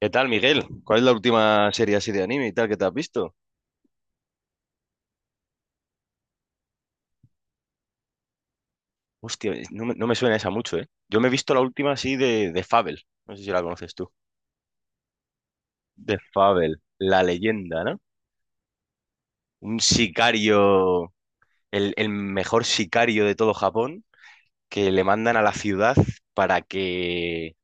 ¿Qué tal, Miguel? ¿Cuál es la última serie así de anime y tal que te has visto? Hostia, no me suena esa mucho, ¿eh? Yo me he visto la última así de Fable. No sé si la conoces tú. De Fable, la leyenda, ¿no? Un sicario, el mejor sicario de todo Japón, que le mandan a la ciudad para que,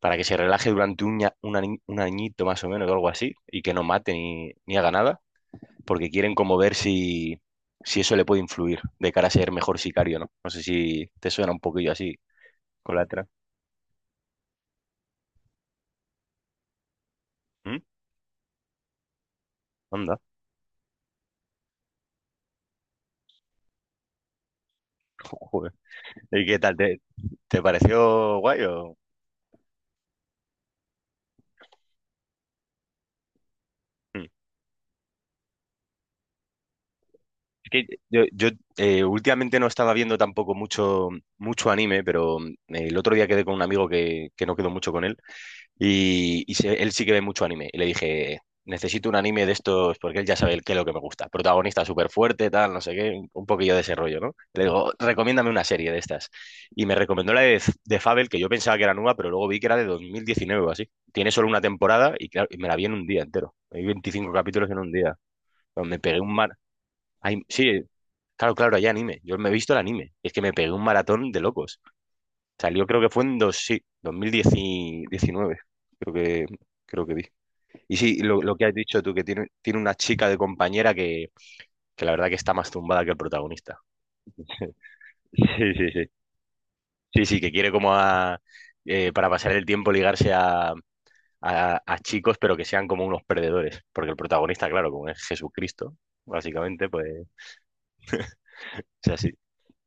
para que se relaje durante un, ña- un ani- un añito más o menos o algo así, y que no mate ni haga nada, porque quieren como ver si eso le puede influir de cara a ser mejor sicario, ¿no? No sé si te suena un poquillo así con la otra. ¿Mm? Anda, joder. ¿Y qué tal? ¿Te pareció guay o...? Mm. Es que últimamente no estaba viendo tampoco mucho anime, pero el otro día quedé con un amigo que no quedó mucho con él. Él sí que ve mucho anime. Y le dije, necesito un anime de estos, porque él ya sabe el qué es lo que me gusta. Protagonista súper fuerte, tal, no sé qué, un poquillo de ese rollo, ¿no? Le digo, recomiéndame una serie de estas. Y me recomendó la de Fable, que yo pensaba que era nueva, pero luego vi que era de 2019 o así. Tiene solo una temporada y, claro, y me la vi en un día entero. Hay 25 capítulos en un día. Me pegué un mar... Ay, sí, claro, hay anime. Yo me he visto el anime. Es que me pegué un maratón de locos. Salió creo que fue en 2019, creo que, creo que vi. Y sí, lo que has dicho tú, tiene una chica de compañera que la verdad que está más tumbada que el protagonista. Sí, sí, sí. Sí, sí, que quiere como para pasar el tiempo ligarse a chicos, pero que sean como unos perdedores. Porque el protagonista, claro, como es Jesucristo, básicamente, pues es así.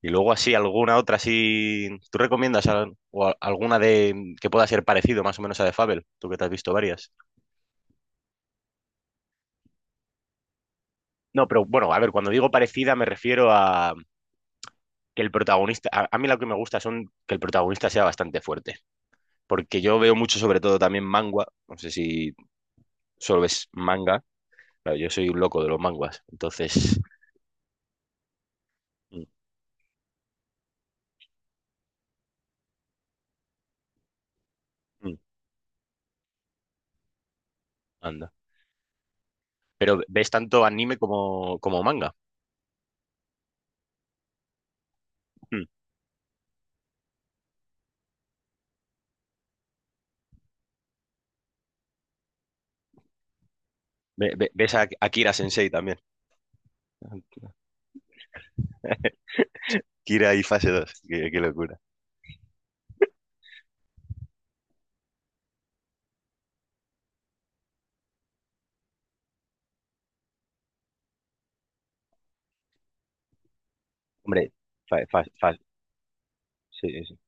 Y luego así, alguna otra así... ¿Tú recomiendas alguna de que pueda ser parecido más o menos a The Fable? Tú que te has visto varias. No, pero bueno, a ver, cuando digo parecida me refiero a que el protagonista, a mí lo que me gusta son que el protagonista sea bastante fuerte, porque yo veo mucho sobre todo también manga, no sé si solo ves manga, claro, yo soy un loco de los manguas, entonces, mm, mm, anda. Pero ves tanto anime como manga. Mm. ¿Ves a Kira Sensei también, Kira y fase dos? Qué, qué locura. Hombre, fa- fa- fa- sí, sí.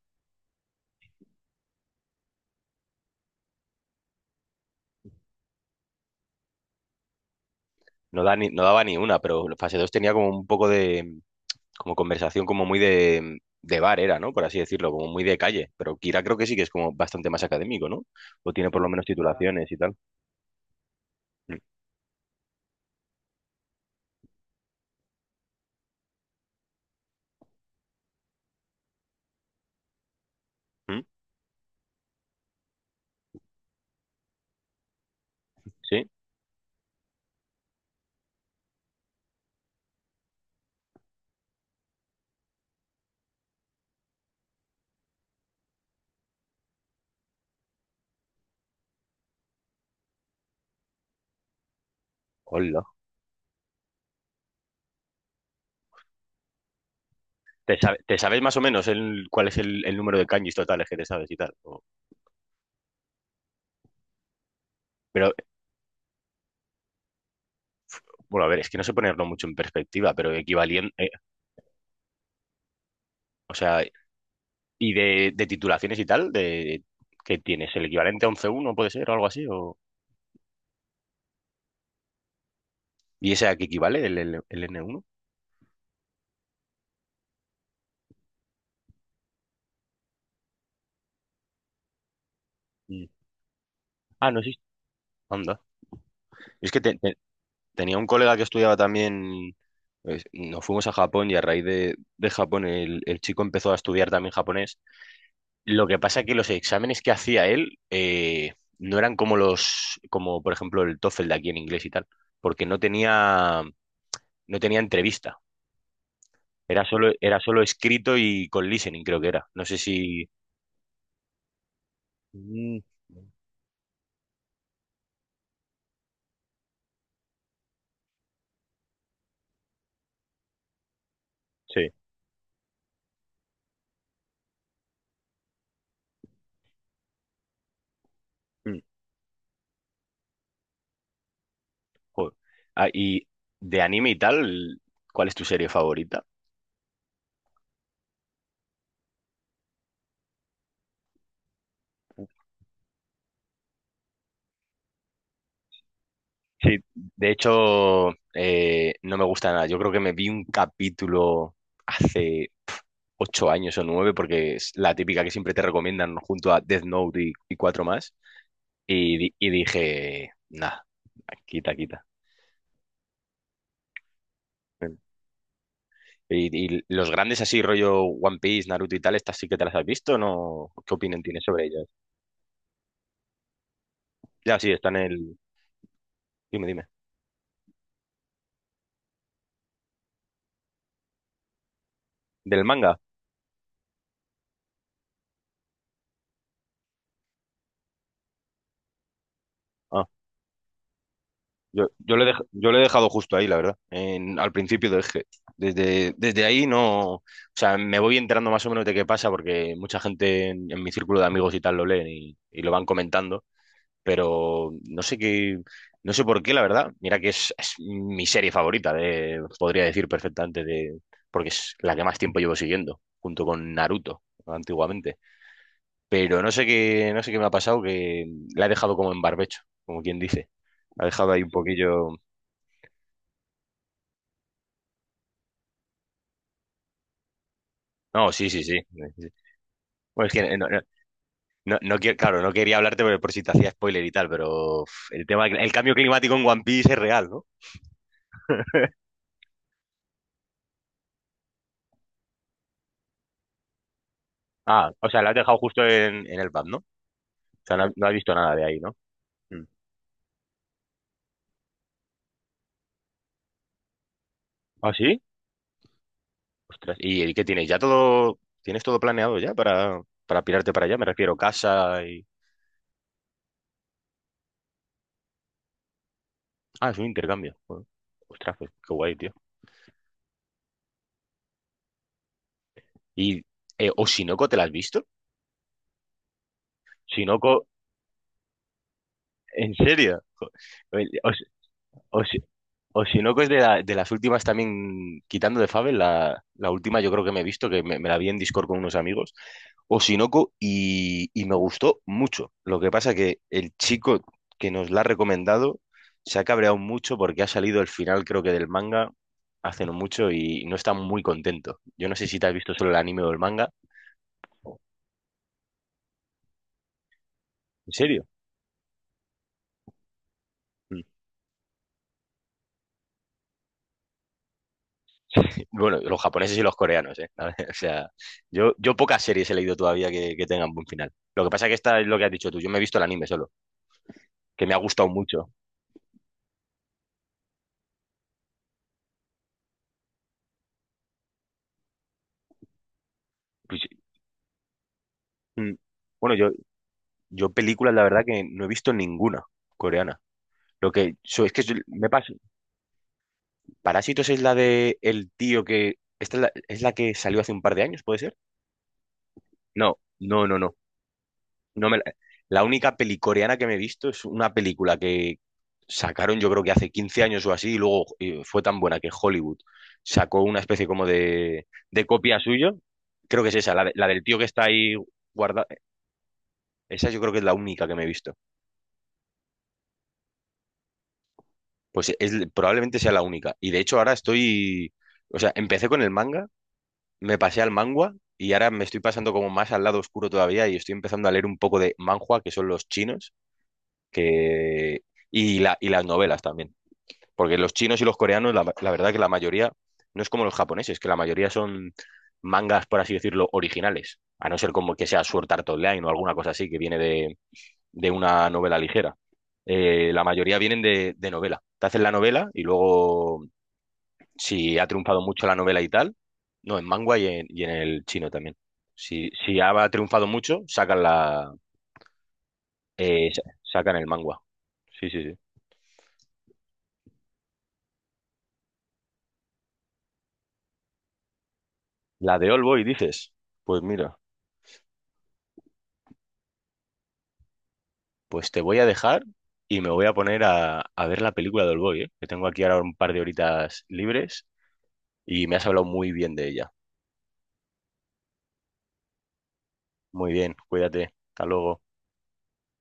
No da ni- no daba ni una, pero fase 2 tenía como un poco de como conversación como muy de bar era, ¿no? Por así decirlo, como muy de calle. Pero Kira creo que sí que es como bastante más académico, ¿no? O tiene por lo menos titulaciones y tal. Mm, mm, sí, hola. ¿Te sabes más o menos el, cuál es el número de kanjis totales que te sabes y tal? O pero, bueno, a ver, es que no sé ponerlo mucho en perspectiva, pero equivalente, o sea, y de titulaciones y tal, de, ¿qué tienes? ¿El equivalente a once uno puede ser o algo así? O ¿y ese a qué equivale, el n uno? Mm. Ah, no existe. Anda. Es que tenía un colega que estudiaba también, pues, nos fuimos a Japón y a raíz de Japón el chico empezó a estudiar también japonés. Lo que pasa es que los exámenes que hacía él no eran como los, como por ejemplo el TOEFL de aquí en inglés y tal, porque no tenía entrevista. Era solo escrito y con listening, creo que era. No sé si... Mm. Sí. Mm, joder. Ah, y de anime y tal, ¿cuál es tu serie favorita? Sí, de hecho, no me gusta nada. Yo creo que me vi un capítulo hace 8 años o 9, porque es la típica que siempre te recomiendan junto a Death Note y cuatro más. Y dije, nada, quita, quita. Y los grandes así, rollo One Piece, Naruto y tal, estas sí que te las has visto, ¿no? ¿Qué opinión tienes sobre ellas? Ya, sí, están en el... Dime, dime. ¿Del manga? Yo le he dejado justo ahí, la verdad. En al principio dejé. Desde ahí no. O sea, me voy enterando más o menos de qué pasa, porque mucha gente en mi círculo de amigos y tal lo leen y lo van comentando. Pero no sé qué. No sé por qué, la verdad. Mira que es mi serie favorita, de, podría decir perfectamente, de, porque es la que más tiempo llevo siguiendo, junto con Naruto, antiguamente. Pero no sé qué, no sé qué me ha pasado, que la he dejado como en barbecho, como quien dice. La he dejado ahí un poquillo. No, sí, sí, sí. Bueno, es que no, no, no, no quiero, claro, no quería hablarte por si te hacía spoiler y tal, pero uf, el tema, el cambio climático en One Piece es real, ¿no? Ah, o sea, lo has dejado justo en el pub, ¿no? O sea, no, no has visto nada de ahí, ¿no? Mm. ¿Ah, sí? Ostras, y qué tienes? ¿Ya todo, tienes todo planeado ya para pirarte para allá? Me refiero, casa y... Ah, es un intercambio. Joder. Ostras, pues, qué guay, tío. ¿Y Oshinoko te la has visto? Shinoko, ¿en serio? Jo, o si, o si no, que es de, de las últimas también, quitando de Fable, la última yo creo que me he visto, me la vi en Discord con unos amigos, Osinoco, y me gustó mucho. Lo que pasa que el chico que nos la ha recomendado se ha cabreado mucho porque ha salido el final, creo que del manga, hace no mucho, y no está muy contento. Yo no sé si te has visto solo el anime o el manga. ¿En serio? Bueno, los japoneses y los coreanos, ¿eh? O sea, yo pocas series he leído todavía que tengan buen final. Lo que pasa es que esta es lo que has dicho tú. Yo me he visto el anime solo, que me ha gustado mucho. Pues, mm, bueno, yo películas, la verdad que no he visto ninguna coreana. Lo que me pasa. Parásitos es la de el tío que. Esta es es la que salió hace un par de años, ¿puede ser? No, no, no, no. No me la, la única peli coreana que me he visto es una película que sacaron yo creo que hace 15 años o así y luego fue tan buena que Hollywood sacó una especie como de copia suyo. Creo que es esa, la del tío que está ahí guardada. Esa yo creo que es la única que me he visto. Pues es, probablemente sea la única. Y de hecho ahora estoy... O sea, empecé con el manga, me pasé al manga y ahora me estoy pasando como más al lado oscuro todavía y estoy empezando a leer un poco de manhua, que son los chinos, que... Y, la, y las novelas también. Porque los chinos y los coreanos, la verdad que la mayoría, no es como los japoneses, que la mayoría son mangas, por así decirlo, originales. A no ser como que sea Sword Art Online o alguna cosa así que viene de una novela ligera. La mayoría vienen de novela. Te hacen la novela y luego, si ha triunfado mucho la novela y tal, no, en manga y y en el chino también. Si ha triunfado mucho, sacan la, sacan el manga. Sí, sí, sí. La de All Boy, dices. Pues mira, pues te voy a dejar y me voy a poner a ver la película de Oldboy, ¿eh? Que tengo aquí ahora un par de horitas libres y me has hablado muy bien de ella. Muy bien, cuídate. Hasta luego.